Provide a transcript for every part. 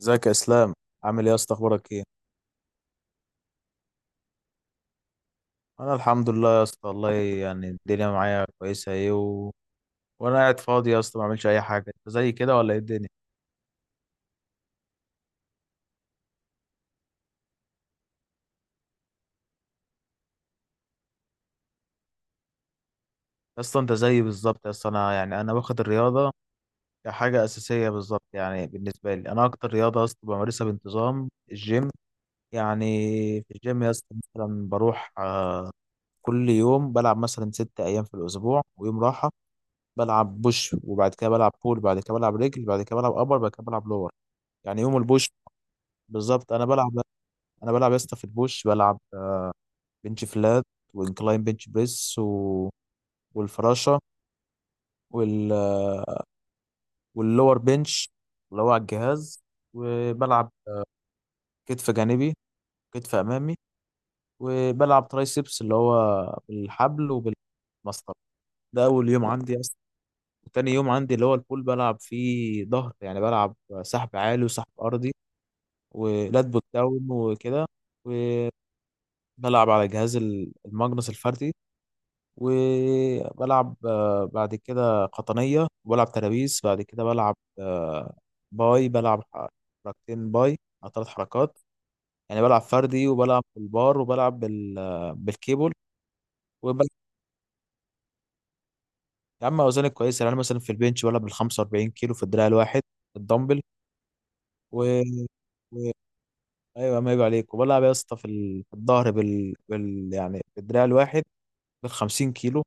ازيك يا اسلام، عامل ايه يا اسطى؟ اخبارك ايه؟ انا الحمد لله يا اسطى، والله يعني الدنيا معايا كويسه ايه وانا قاعد فاضي يا اسطى، ما بعملش اي حاجه. انت زي كده ولا ايه الدنيا؟ يا اسطى انت زيي بالظبط يا اسطى، انا يعني انا واخد الرياضه كحاجه اساسيه بالظبط. يعني بالنسبه لي انا اكتر رياضه يا اسطى بمارسها بانتظام الجيم يعني. في الجيم يا اسطى مثلا بروح، كل يوم بلعب مثلا ست ايام في الاسبوع ويوم راحه. بلعب بوش وبعد كده بلعب بول، بعد كده بلعب رجل، بعد كده بلعب ابر، بعد كده بلعب لور. يعني يوم البوش بالظبط انا بلعب يا اسطى في البوش، بلعب بنش فلات، وانكلاين بنش بريس، والفراشه، وال... آه، واللور بنش اللي هو على الجهاز. وبلعب كتف جانبي، كتف امامي، وبلعب ترايسبس اللي هو بالحبل وبالمسطره. ده اول يوم عندي اصلا. وتاني يوم عندي اللي هو البول بلعب فيه ظهر، يعني بلعب سحب عالي وسحب ارضي، ولات بوت داون وكده. وبلعب على جهاز الماجنس الفردي، وبلعب بعد كده قطنية، وبلعب ترابيس، بعد كده بلعب باي، بلعب حركتين باي أو ثلاث حركات. يعني بلعب فردي وبلعب بالبار وبلعب بالكيبل. وبلعب. يا عم أوزاني كويسة، يعني أنا مثلا في البنش بلعب بال 45 كيلو في الدراع الواحد، الدمبل. و... و... أيوة، ما يبقى عليك. وبلعب يا اسطى في الظهر، يعني بالدراع الواحد بال 50 كيلو.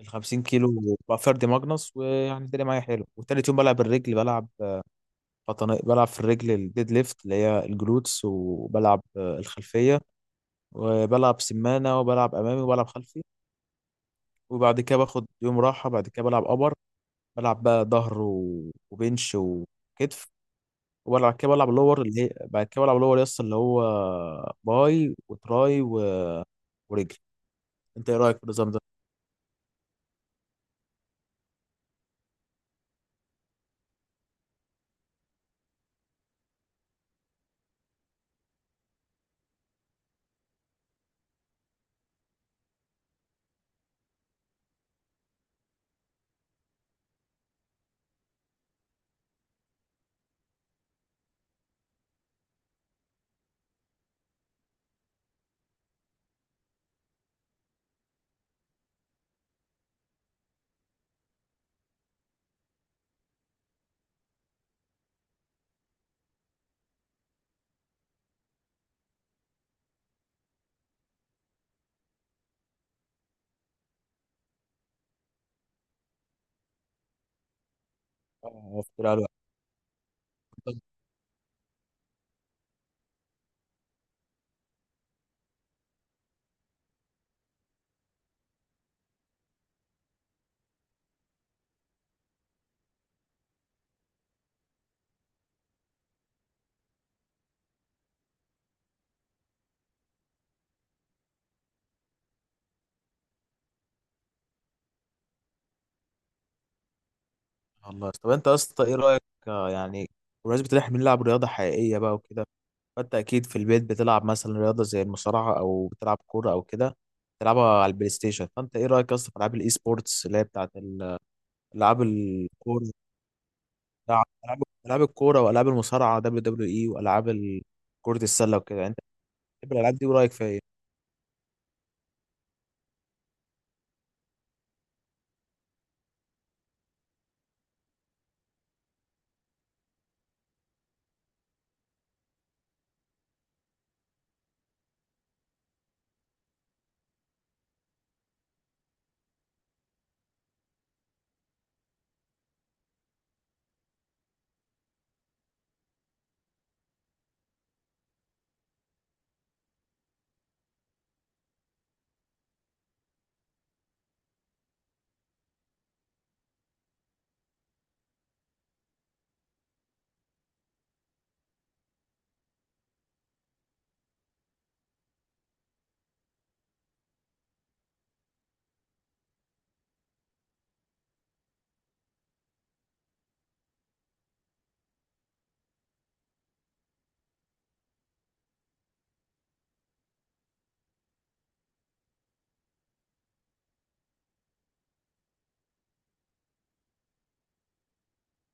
ال 50 كيلو بقى فردي ماجنس، ويعني الدنيا معايا حلو. وتالت يوم بلعب الرجل، بلعب في الرجل الديد ليفت اللي هي الجلوتس، وبلعب الخلفية، وبلعب سمانة، وبلعب أمامي، وبلعب خلفي. وبعد كده باخد يوم راحة. بعد كده بلعب أبر، بلعب بقى ظهر وبنش وكتف. وبلعب كده بلعب لور اللي هي، بعد كده بلعب لور يس اللي هو باي وتراي ورجل. انت ايه رأيك في النظام ده؟ اه، كتير على الوقت. الله، طب انت يا اسطى ايه رأيك، يعني بمناسبة ان احنا بنلعب رياضة حقيقية بقى وكده، فانت اكيد في البيت بتلعب مثلا رياضه زي المصارعه او بتلعب كوره او كده، بتلعبها على البلاي ستيشن. فانت ايه رايك اصلا في العاب الاي سبورتس اللي هي بتاعت العاب الكوره؟ العاب الكوره والعاب المصارعه دبليو دبليو اي والعاب كره السله وكده. انت بتحب الالعاب دي ورايك فيها ايه؟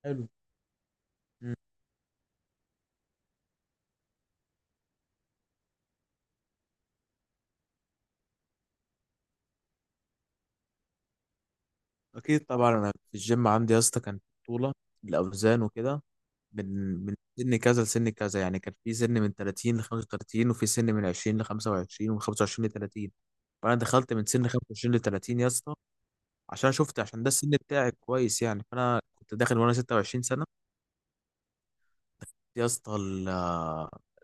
حلو. مم. اكيد طبعا، انا في الجيم عندي يا اسطى كان بطوله الاوزان وكده، من من سن كذا لسن كذا، يعني كان في سن من 30 ل 35، وفي سن من 20 ل 25، ومن 25 ل 30. فانا دخلت من سن 25 ل 30 يا اسطى، عشان شفت عشان ده السن بتاعي كويس. يعني فانا كنت داخل وانا 26 سنه يا اسطى.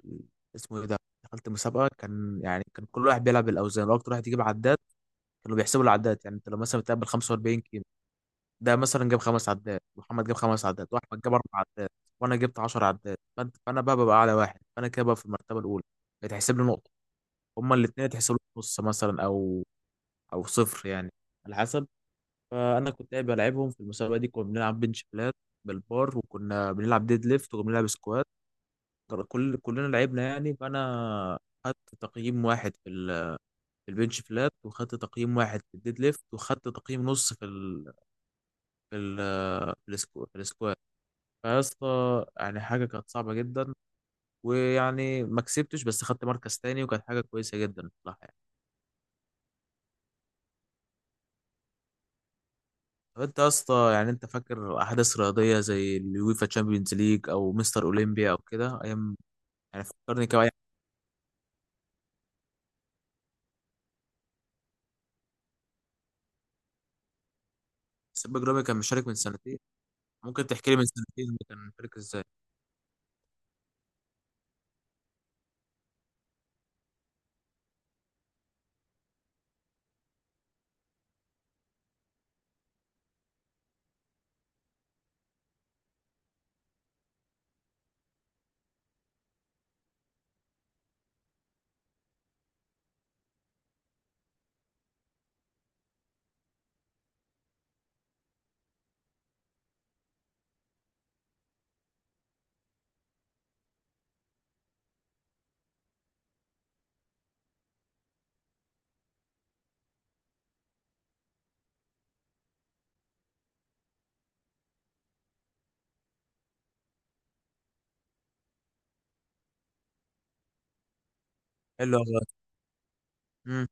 ال- اسمه ايه ده، دخلت مسابقه، كان كل واحد بيلعب بالاوزان واكتر واحد يجيب عداد. كانوا بيحسبوا العداد، يعني انت لو مثلا بتقابل 45، ده مثلا جاب خمس عدات، محمد جاب خمس عدات، واحمد جاب اربع عدات، وانا جبت 10 عدات. فانا بقى ببقى اعلى واحد، فانا كده بقى في المرتبه الاولى، بتحسب لي نقطه. هما الاثنين اتحسبوا لي نص مثلا، او صفر يعني، على حسب. فانا كنت قاعد بلعبهم في المسابقه دي، كنا بنلعب بنش بلات بالبار، وكنا بنلعب ديد ليفت، وكنا بنلعب سكوات، كلنا لعبنا يعني. فانا خدت تقييم واحد في البنش فلات، وخدت تقييم واحد في الديد ليفت، وخدت تقييم نص في ال... في السكوات. فيا اسطى يعني حاجة كانت صعبة جدا، ويعني ما كسبتش بس خدت مركز تاني، وكانت حاجة كويسة جدا بصراحة يعني. طب انت يا اسطى، يعني انت فاكر أحداث رياضية زي اليويفا تشامبيونز ليج أو مستر أولمبيا أو كده أيام؟ يعني فكرني كده يعني. سيب جرامي كان مشارك من سنتين؟ ممكن تحكي لي من سنتين ده كان مشارك ازاي؟ حلو والله. امم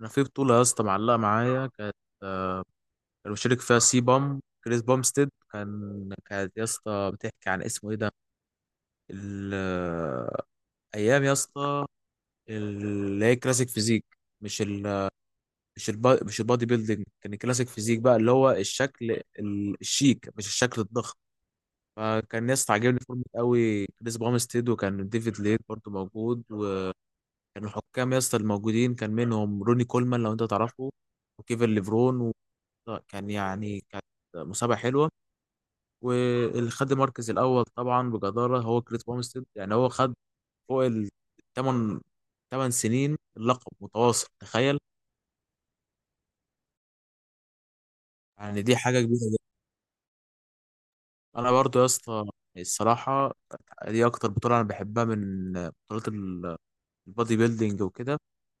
انا في بطولة يا اسطى معلقة معايا، كانت آه، كان مشارك فيها سي بام كريس بامستيد، كانت يا اسطى بتحكي عن اسمه ايه ده، ال- آه، ايام يا اسطى، اللي هي كلاسيك فيزيك. مش ال مش البادي بيلدينج، كان الكلاسيك فيزيك بقى اللي هو الشكل الشيك، مش الشكل الضخم. فكان ناس عاجبني فورمة قوي كريس بامستيد، وكان ديفيد ليت برضو موجود، وكان الحكام يا اسطى الموجودين كان منهم روني كولمان لو انت تعرفه، وكيفن ليفرون كانت مسابقة حلوة. واللي خد المركز الأول طبعا بجدارة هو كريس بامستيد، يعني هو خد فوق الثمان ثمان سنين اللقب متواصل، تخيل! يعني دي حاجة كبيرة جدا. أنا برضو يا اسطى الصراحة، دي أكتر بطولة أنا بحبها من بطولات البودي بيلدينج وكده.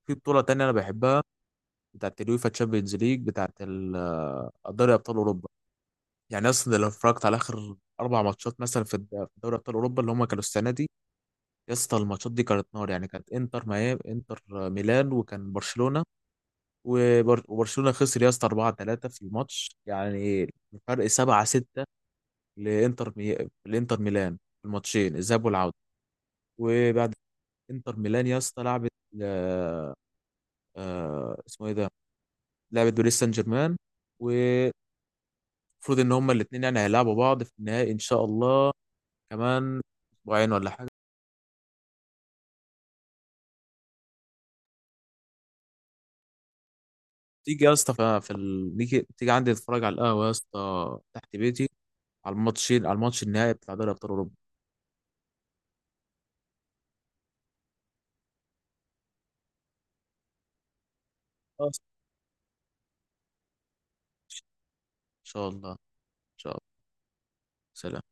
في بطولة تانية أنا بحبها، بتاعة اليوفا تشامبيونز ليج، بتاعة دوري أبطال أوروبا. يعني أصلا لو اتفرجت على آخر أربع ماتشات مثلا في دوري أبطال أوروبا اللي هما كانوا السنة دي، يا اسطى الماتشات دي كانت نار. يعني كانت إنتر ميامي، إنتر ميلان، وكان برشلونة وبرشلونة خسر يا اسطى 4-3 في الماتش، يعني فرق 7-6 لانتر مي... لانتر ميلان في الماتشين الذهاب والعوده. وبعد، انتر ميلان يا اسطى لعبت آه... اسمه ايه ده، لعبت باريس سان جيرمان. ومفروض ان هما الاثنين يعني هيلعبوا بعض في النهائي ان شاء الله كمان اسبوعين ولا حاجه. تيجي يا اسطى، ف- في ال... نيجي تيجي عندي تتفرج على القهوه يا اسطى تحت بيتي، على الماتشين، على الماتش النهائي بتاع دوري ابطال اوروبا. ان شاء الله، ان شاء الله. سلام.